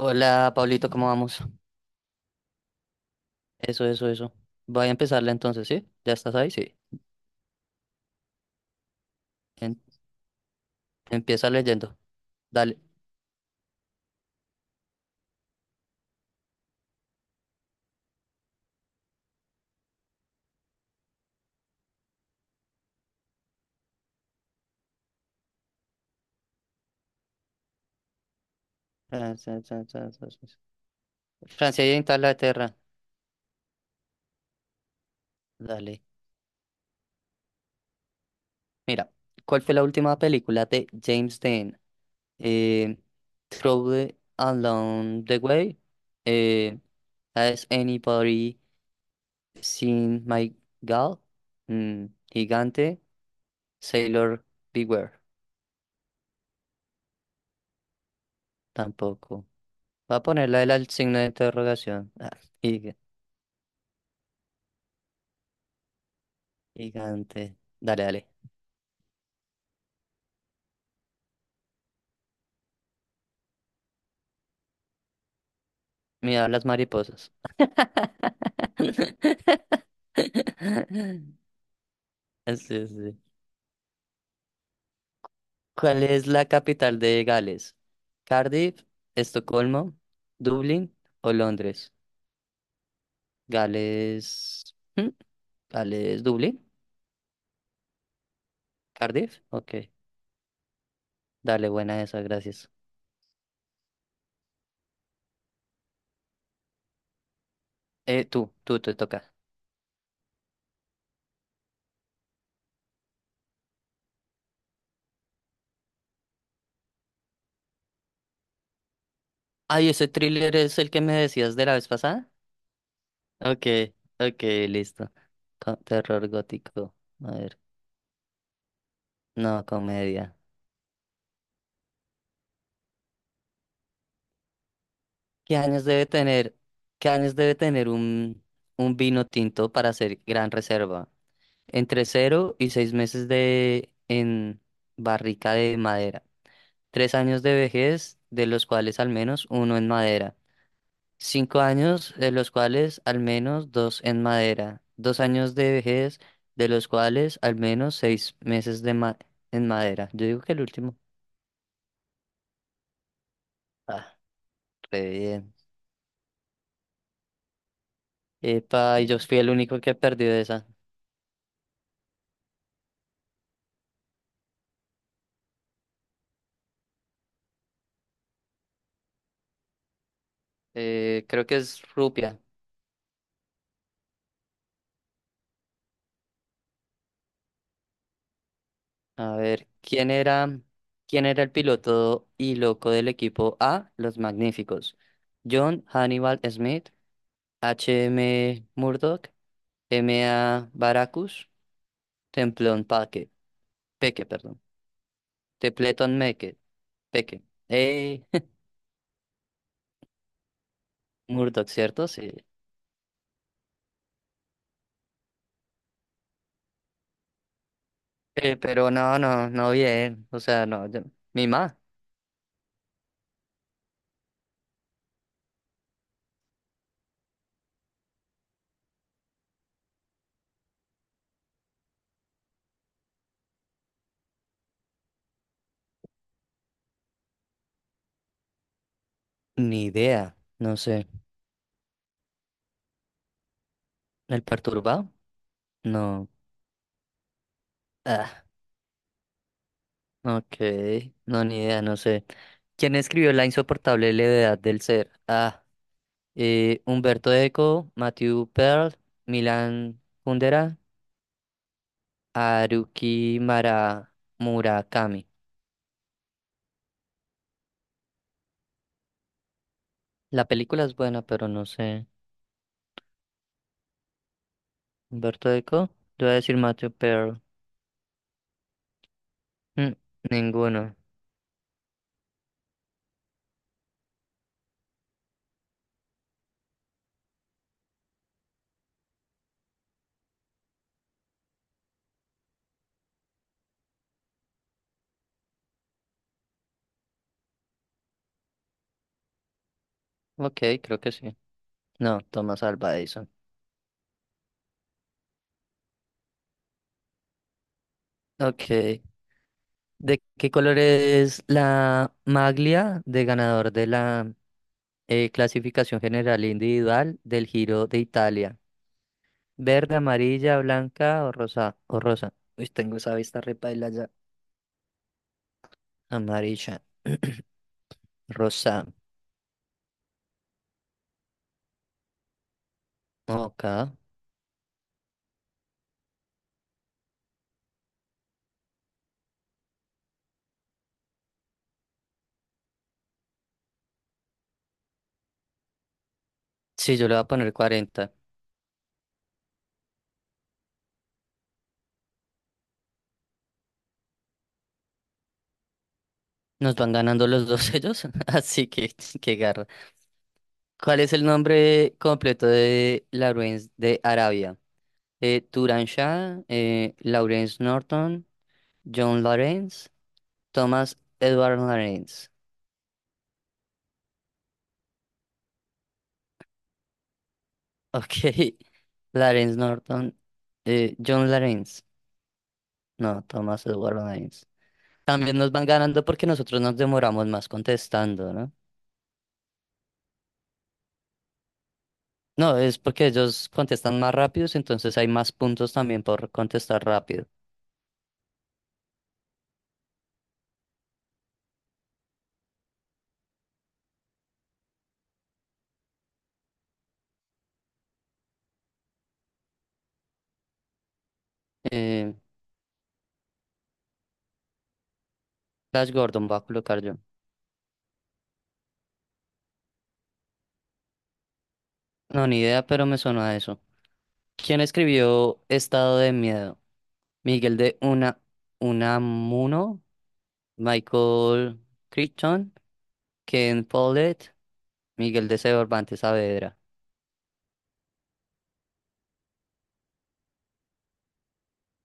Hola, Pablito, ¿cómo vamos? Eso, eso, eso. Voy a empezarle, entonces, ¿sí? ¿Ya estás ahí? Sí. En- empieza leyendo. Dale. Francia Francia y Inglaterra. Dale. Mira, ¿cuál fue la última película de James Dean? Eh, Trouble Along the Way. Eh, Has anybody seen my gal? Mm, Gigante. Sailor Beware. Tampoco. Va a ponerla el al signo de interrogación. Ah, giga- gigante. Dale, dale. Mira las mariposas. Sí, sí. ¿Cuál es la capital de Gales? ¿Cardiff, Estocolmo, Dublín o Londres? Gales. ¿Mm? ¿Gales, Dublín? ¿Cardiff? Ok. Dale, buena esa, gracias. Tú te toca. Ay, ese thriller es el que me decías de la vez pasada. Ok, ok, listo. Terror gótico. A ver. No, comedia. ¿Qué años debe tener? ¿Qué años debe tener un vino tinto para hacer gran reserva? Entre cero y seis meses de en barrica de madera. Tres años de vejez, de los cuales al menos uno en madera. Cinco años, de los cuales al menos dos en madera. Dos años de vejez, de los cuales al menos seis meses en madera. Yo digo que el último. Ah, re bien. Epa, y yo fui el único que perdió esa. Creo que es Rupia. A ver, ¿quién era el piloto y loco del equipo A? Los Magníficos. John Hannibal Smith, H. H.M. Murdoch, M A. Baracus, Templón Paque, Peque, perdón. Tepleton Meque, Peque. Eh, Murdoch, ¿cierto? Sí. Pero no, no, no bien. O sea, no, mi ma. Ni idea. No sé. ¿El perturbado? No. Ah, ok, no, ni idea, no sé. ¿Quién escribió La insoportable levedad del ser? Ah, Humberto Eco, Matthew Pearl, Milan Kundera, Haruki Mara Murakami. La película es buena, pero no sé. Humberto Eco, yo voy a decir Matthew Pearl. Mm, Ninguno. Ok, creo que sí. No, Thomas Alva Edison. Ok, ¿de qué color es la maglia de ganador de la clasificación general e individual del Giro de Italia? Verde, amarilla, blanca o rosa. O rosa. Uy, tengo esa vista repaila ya. Amarilla. Rosa. Ok. Sí, yo le voy a poner 40. Nos van ganando los dos ellos, así que qué garra. ¿Cuál es el nombre completo de Lawrence de Arabia? Turan Shah, Lawrence Norton, John Lawrence, Thomas Edward Lawrence. Ok. Lawrence Norton. John Lawrence. No, Thomas Edward Lawrence. También nos van ganando porque nosotros nos demoramos más contestando, ¿no? No, es porque ellos contestan más rápidos, entonces hay más puntos también por contestar rápido. Eh, Flash Gordon va a colocar yo. No, ni idea, pero me sonó a eso. ¿Quién escribió Estado de Miedo? Miguel de Una, Unamuno, Michael Crichton, Ken Follett, Miguel de Cervantes Saavedra.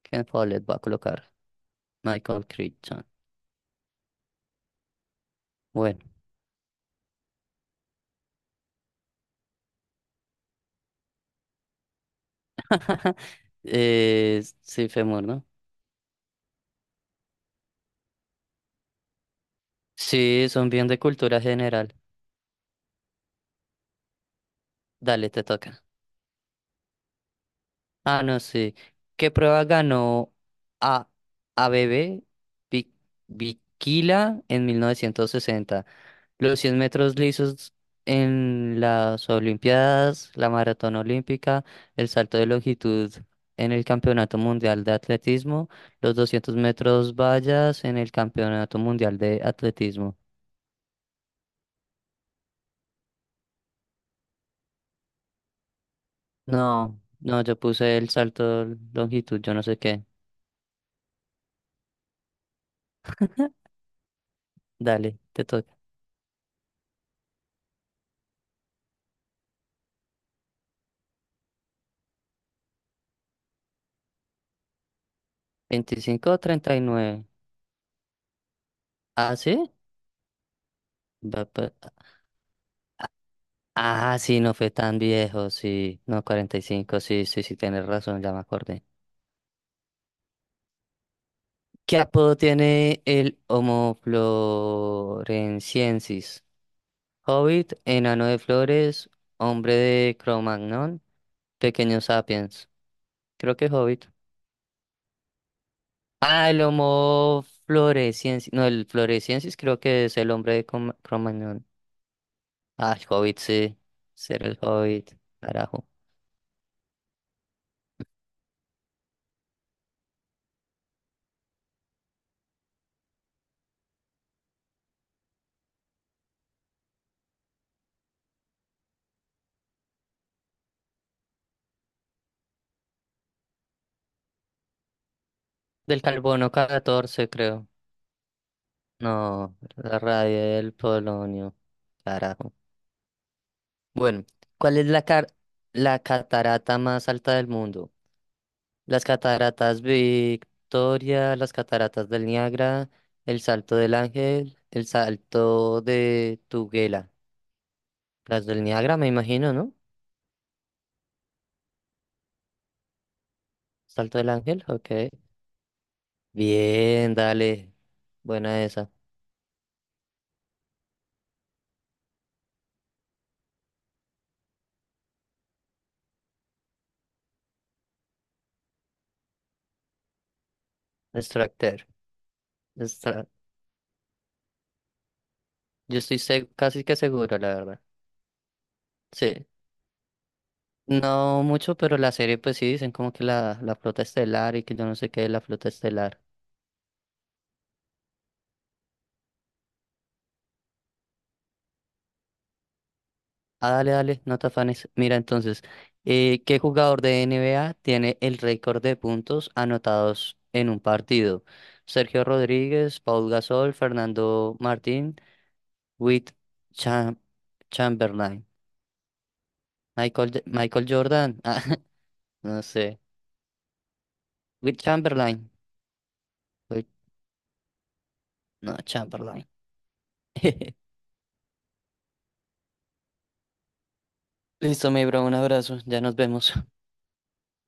Ken Follett va a colocar Michael Crichton. Bueno, sí, Femur, ¿no? Sí, son bien de cultura general. Dale, te toca. Ah, no, sí. ¿Qué prueba ganó a ABB Bikila en 1960? Los 100 metros lisos en las Olimpiadas, la maratón olímpica, el salto de longitud en el Campeonato Mundial de Atletismo, los 200 metros vallas en el Campeonato Mundial de Atletismo. No, no, yo puse el salto de longitud, yo no sé qué. Dale, te toca. 25 o 39. ¿Ah, sí? Va pa- Ah, sí, no fue tan viejo, sí. No, 45, sí, sí, sí, tienes razón, ya me acordé. ¿Qué apodo tiene el Homo floresiensis? Hobbit, enano de flores, hombre de Cromagnon, pequeño sapiens. Creo que es Hobbit. Ah, el Homo floresiensis. No, el floresiensis creo que es el hombre de Cromagnon. Ah, el Hobbit, sí. Ser el Hobbit. Carajo. Del carbono 14 creo. No, la radio del polonio. Carajo. Bueno, ¿cuál es la catarata más alta del mundo? Las cataratas Victoria, las cataratas del Niágara, el Salto del Ángel, el Salto de Tuguela. Las del Niágara, me imagino, ¿no? Salto del Ángel, ok. Bien, dale. Buena esa. Extractor. Extra- Yo estoy casi que seguro, la verdad. Sí. No mucho, pero la serie, pues sí, dicen como que la flota estelar y que yo no sé qué es la flota estelar. Ah, dale, dale, no te afanes. Mira entonces, ¿qué jugador de NBA tiene el récord de puntos anotados en un partido? Sergio Rodríguez, Paul Gasol, Fernando Martín, Wilt Cham- Chamberlain, Michael Jordan, ah, no sé, Wilt Chamberlain, Wilt- no, Chamberlain. Listo, mi bro, un abrazo, ya nos vemos.